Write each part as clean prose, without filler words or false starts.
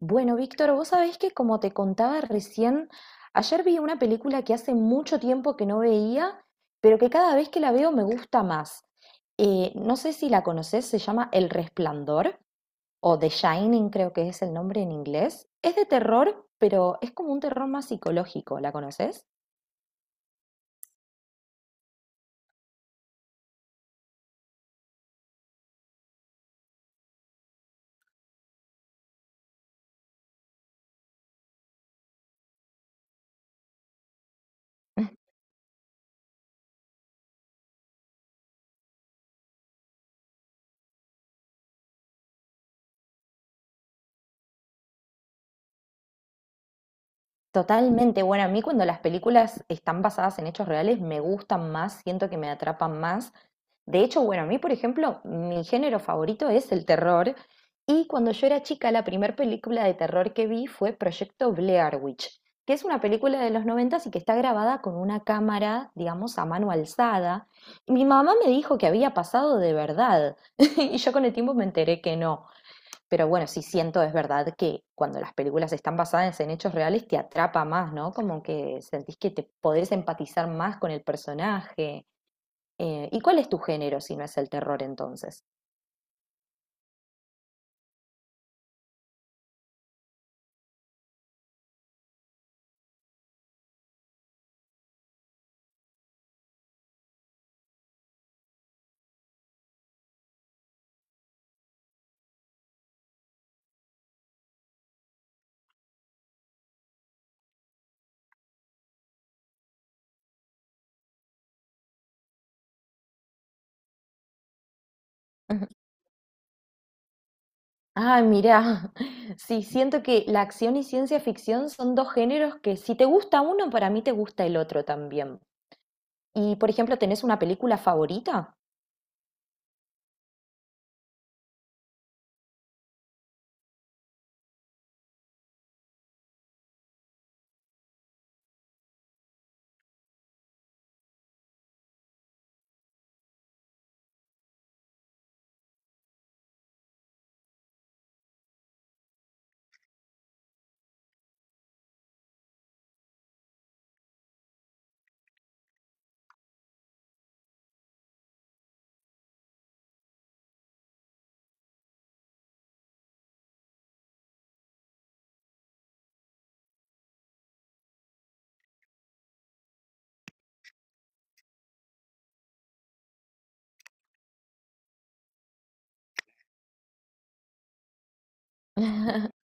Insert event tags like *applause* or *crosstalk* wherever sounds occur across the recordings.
Bueno, Víctor, vos sabés que como te contaba recién, ayer vi una película que hace mucho tiempo que no veía, pero que cada vez que la veo me gusta más. No sé si la conocés, se llama El Resplandor o The Shining, creo que es el nombre en inglés. Es de terror, pero es como un terror más psicológico, ¿la conoces? Totalmente. Bueno, a mí cuando las películas están basadas en hechos reales me gustan más, siento que me atrapan más. De hecho, bueno, a mí, por ejemplo, mi género favorito es el terror. Y cuando yo era chica, la primera película de terror que vi fue Proyecto Blair Witch, que es una película de los 90 y que está grabada con una cámara, digamos, a mano alzada. Mi mamá me dijo que había pasado de verdad *laughs* y yo con el tiempo me enteré que no. Pero bueno, sí siento, es verdad, que cuando las películas están basadas en hechos reales te atrapa más, ¿no? Como que sentís que te podés empatizar más con el personaje. ¿Y cuál es tu género si no es el terror entonces? Ujú. Ah, mira, *laughs* sí, siento que la acción y ciencia ficción son dos géneros que si te gusta uno, para mí te gusta el otro también. Y, por ejemplo, ¿tenés una película favorita? *laughs*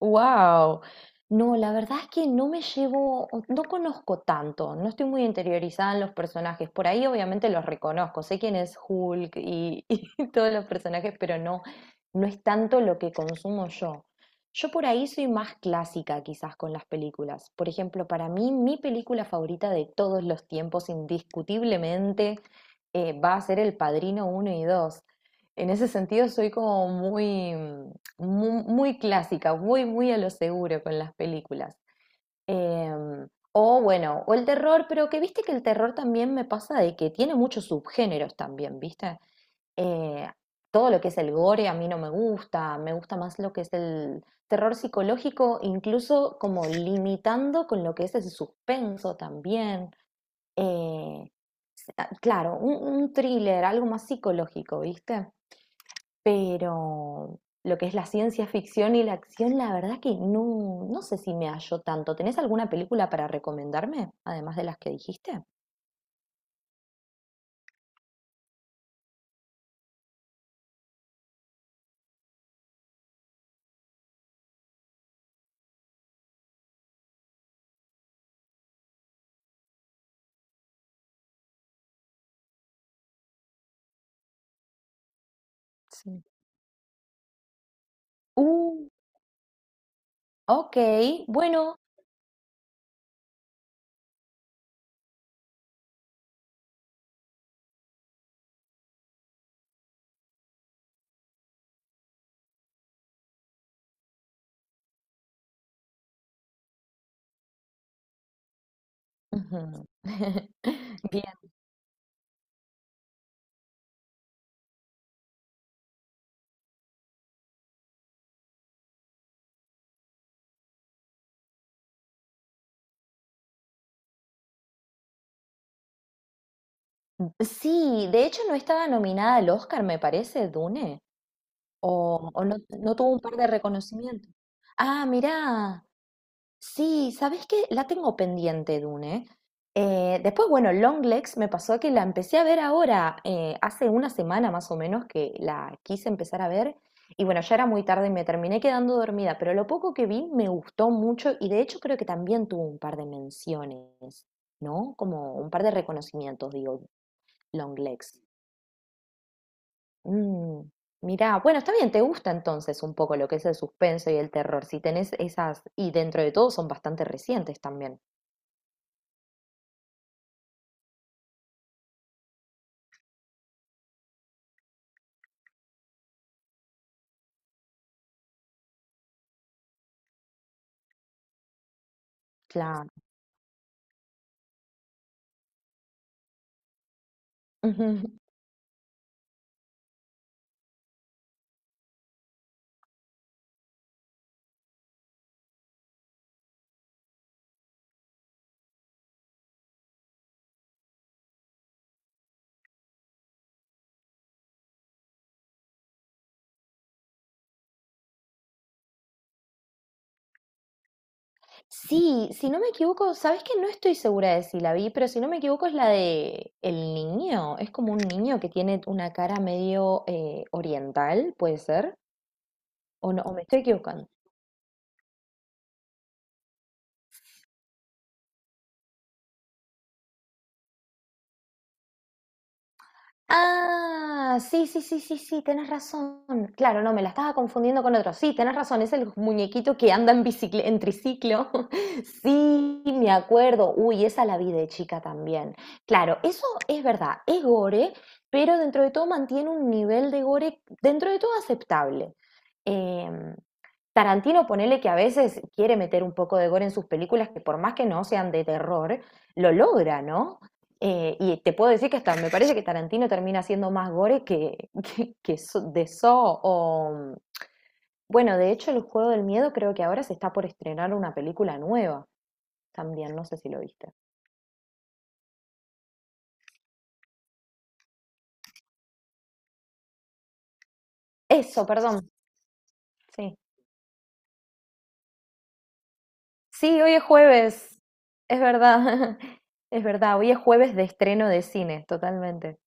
Wow. No, la verdad es que no me llevo, no conozco tanto, no estoy muy interiorizada en los personajes. Por ahí obviamente los reconozco, sé quién es Hulk y, *laughs* y todos los personajes, pero no, no es tanto lo que consumo yo. Yo por ahí soy más clásica quizás con las películas. Por ejemplo, para mí mi película favorita de todos los tiempos, indiscutiblemente, va a ser El Padrino uno y 2. En ese sentido soy como muy, clásica, muy, muy a lo seguro con las películas. Em, o bueno, o el terror, pero que viste que el terror también me pasa de que tiene muchos subgéneros también, ¿viste? Eh, Todo lo que es el gore a mí no me gusta, me gusta más lo que es el terror psicológico, incluso como limitando con lo que es el suspenso también. Eh, ah, claro, un thriller, algo más psicológico, ¿viste? Pero lo que es la ciencia ficción y la acción, la verdad que no, no sé si me hallo tanto. ¿Tenés alguna película para recomendarme, además de las que dijiste? Sí. Uh, ok, bueno. Ujú. *laughs* Bien. Sí, de hecho no estaba nominada al Oscar, me parece, Dune. O no, no tuvo un par de reconocimientos. Ah, mirá. Sí, ¿sabés qué? La tengo pendiente, Dune. Después, bueno, Longlegs me pasó que la empecé a ver ahora, hace una semana más o menos que la quise empezar a ver. Y bueno, ya era muy tarde y me terminé quedando dormida, pero lo poco que vi me gustó mucho y de hecho creo que también tuvo un par de menciones, ¿no? Como un par de reconocimientos, digo, Longlegs. Mm, Mirá, bueno, está bien, te gusta entonces un poco lo que es el suspenso y el terror, si tenés esas, y dentro de todo son bastante recientes también. Claro. Ujú. Sí, si no me equivoco, sabes que no estoy segura de si la vi, pero si no me equivoco es la de el niño. Es como un niño que tiene una cara medio oriental, puede ser, o no, o me estoy equivocando. Ah, sí, sí, sí, sí, sí, tienes razón. Claro, no, me la estaba confundiendo con otro. Sí, tienes razón, es el muñequito que anda en en triciclo. *laughs* Sí, me acuerdo. Uy, esa la vi de chica también. Claro, eso es verdad, es gore, pero dentro de todo mantiene un nivel de gore dentro de todo aceptable. Em, Tarantino, ponele que a veces quiere meter un poco de gore en sus películas, que por más que no sean de terror, lo logra, ¿no? Y te puedo decir que hasta me parece que Tarantino termina siendo más gore que, *laughs* de So o... Bueno, de hecho, el Juego del Miedo creo que ahora se está por estrenar una película nueva también, no sé si lo viste. Eso, perdón. Sí. Sí, hoy es jueves. Es verdad. *laughs* Es verdad, hoy es jueves de estreno de cine, totalmente.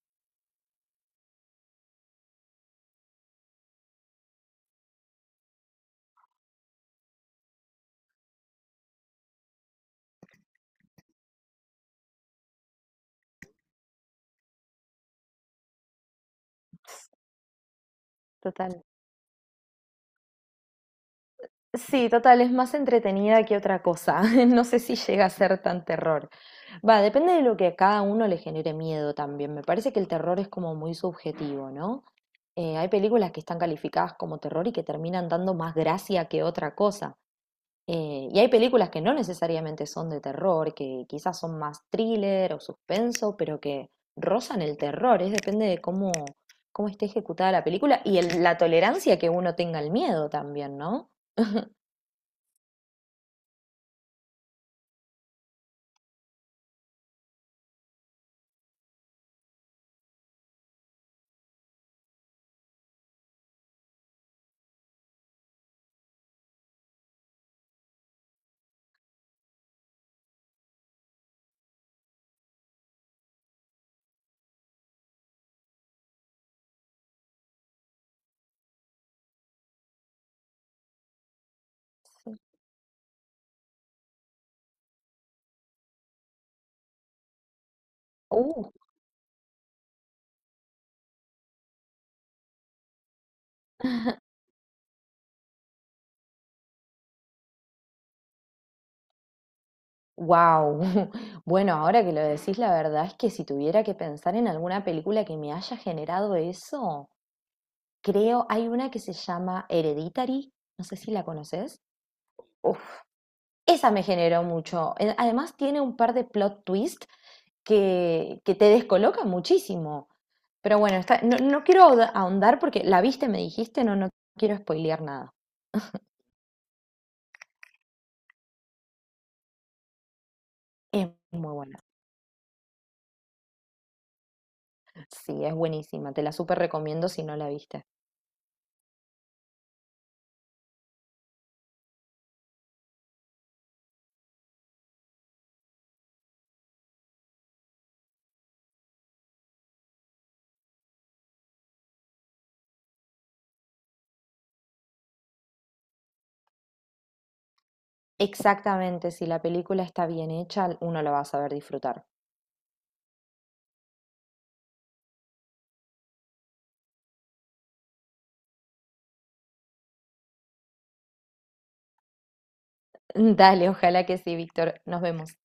Total. Sí, total, es más entretenida que otra cosa. *laughs* No sé si llega a ser tan terror. Va, depende de lo que a cada uno le genere miedo también. Me parece que el terror es como muy subjetivo, ¿no? Hay películas que están calificadas como terror y que terminan dando más gracia que otra cosa. Y hay películas que no necesariamente son de terror, que quizás son más thriller o suspenso, pero que rozan el terror. Es depende de cómo, cómo esté ejecutada la película y la tolerancia que uno tenga al miedo también, ¿no? Uh, Wow. *laughs* Bueno, ahora que lo decís, la verdad es que si tuviera que pensar en alguna película que me haya generado eso, creo hay una que se llama Hereditary, no sé si la conoces. Uf, esa me generó mucho. Además tiene un par de plot twist que te descolocan muchísimo. Pero bueno, no, no quiero ahondar porque la viste, me dijiste, no, no quiero spoilear nada. Es muy buena. Sí, es buenísima. Te la súper recomiendo si no la viste. Exactamente, si la película está bien hecha, uno la va a saber disfrutar. *laughs* Dale, ojalá que sí, Víctor. Nos vemos.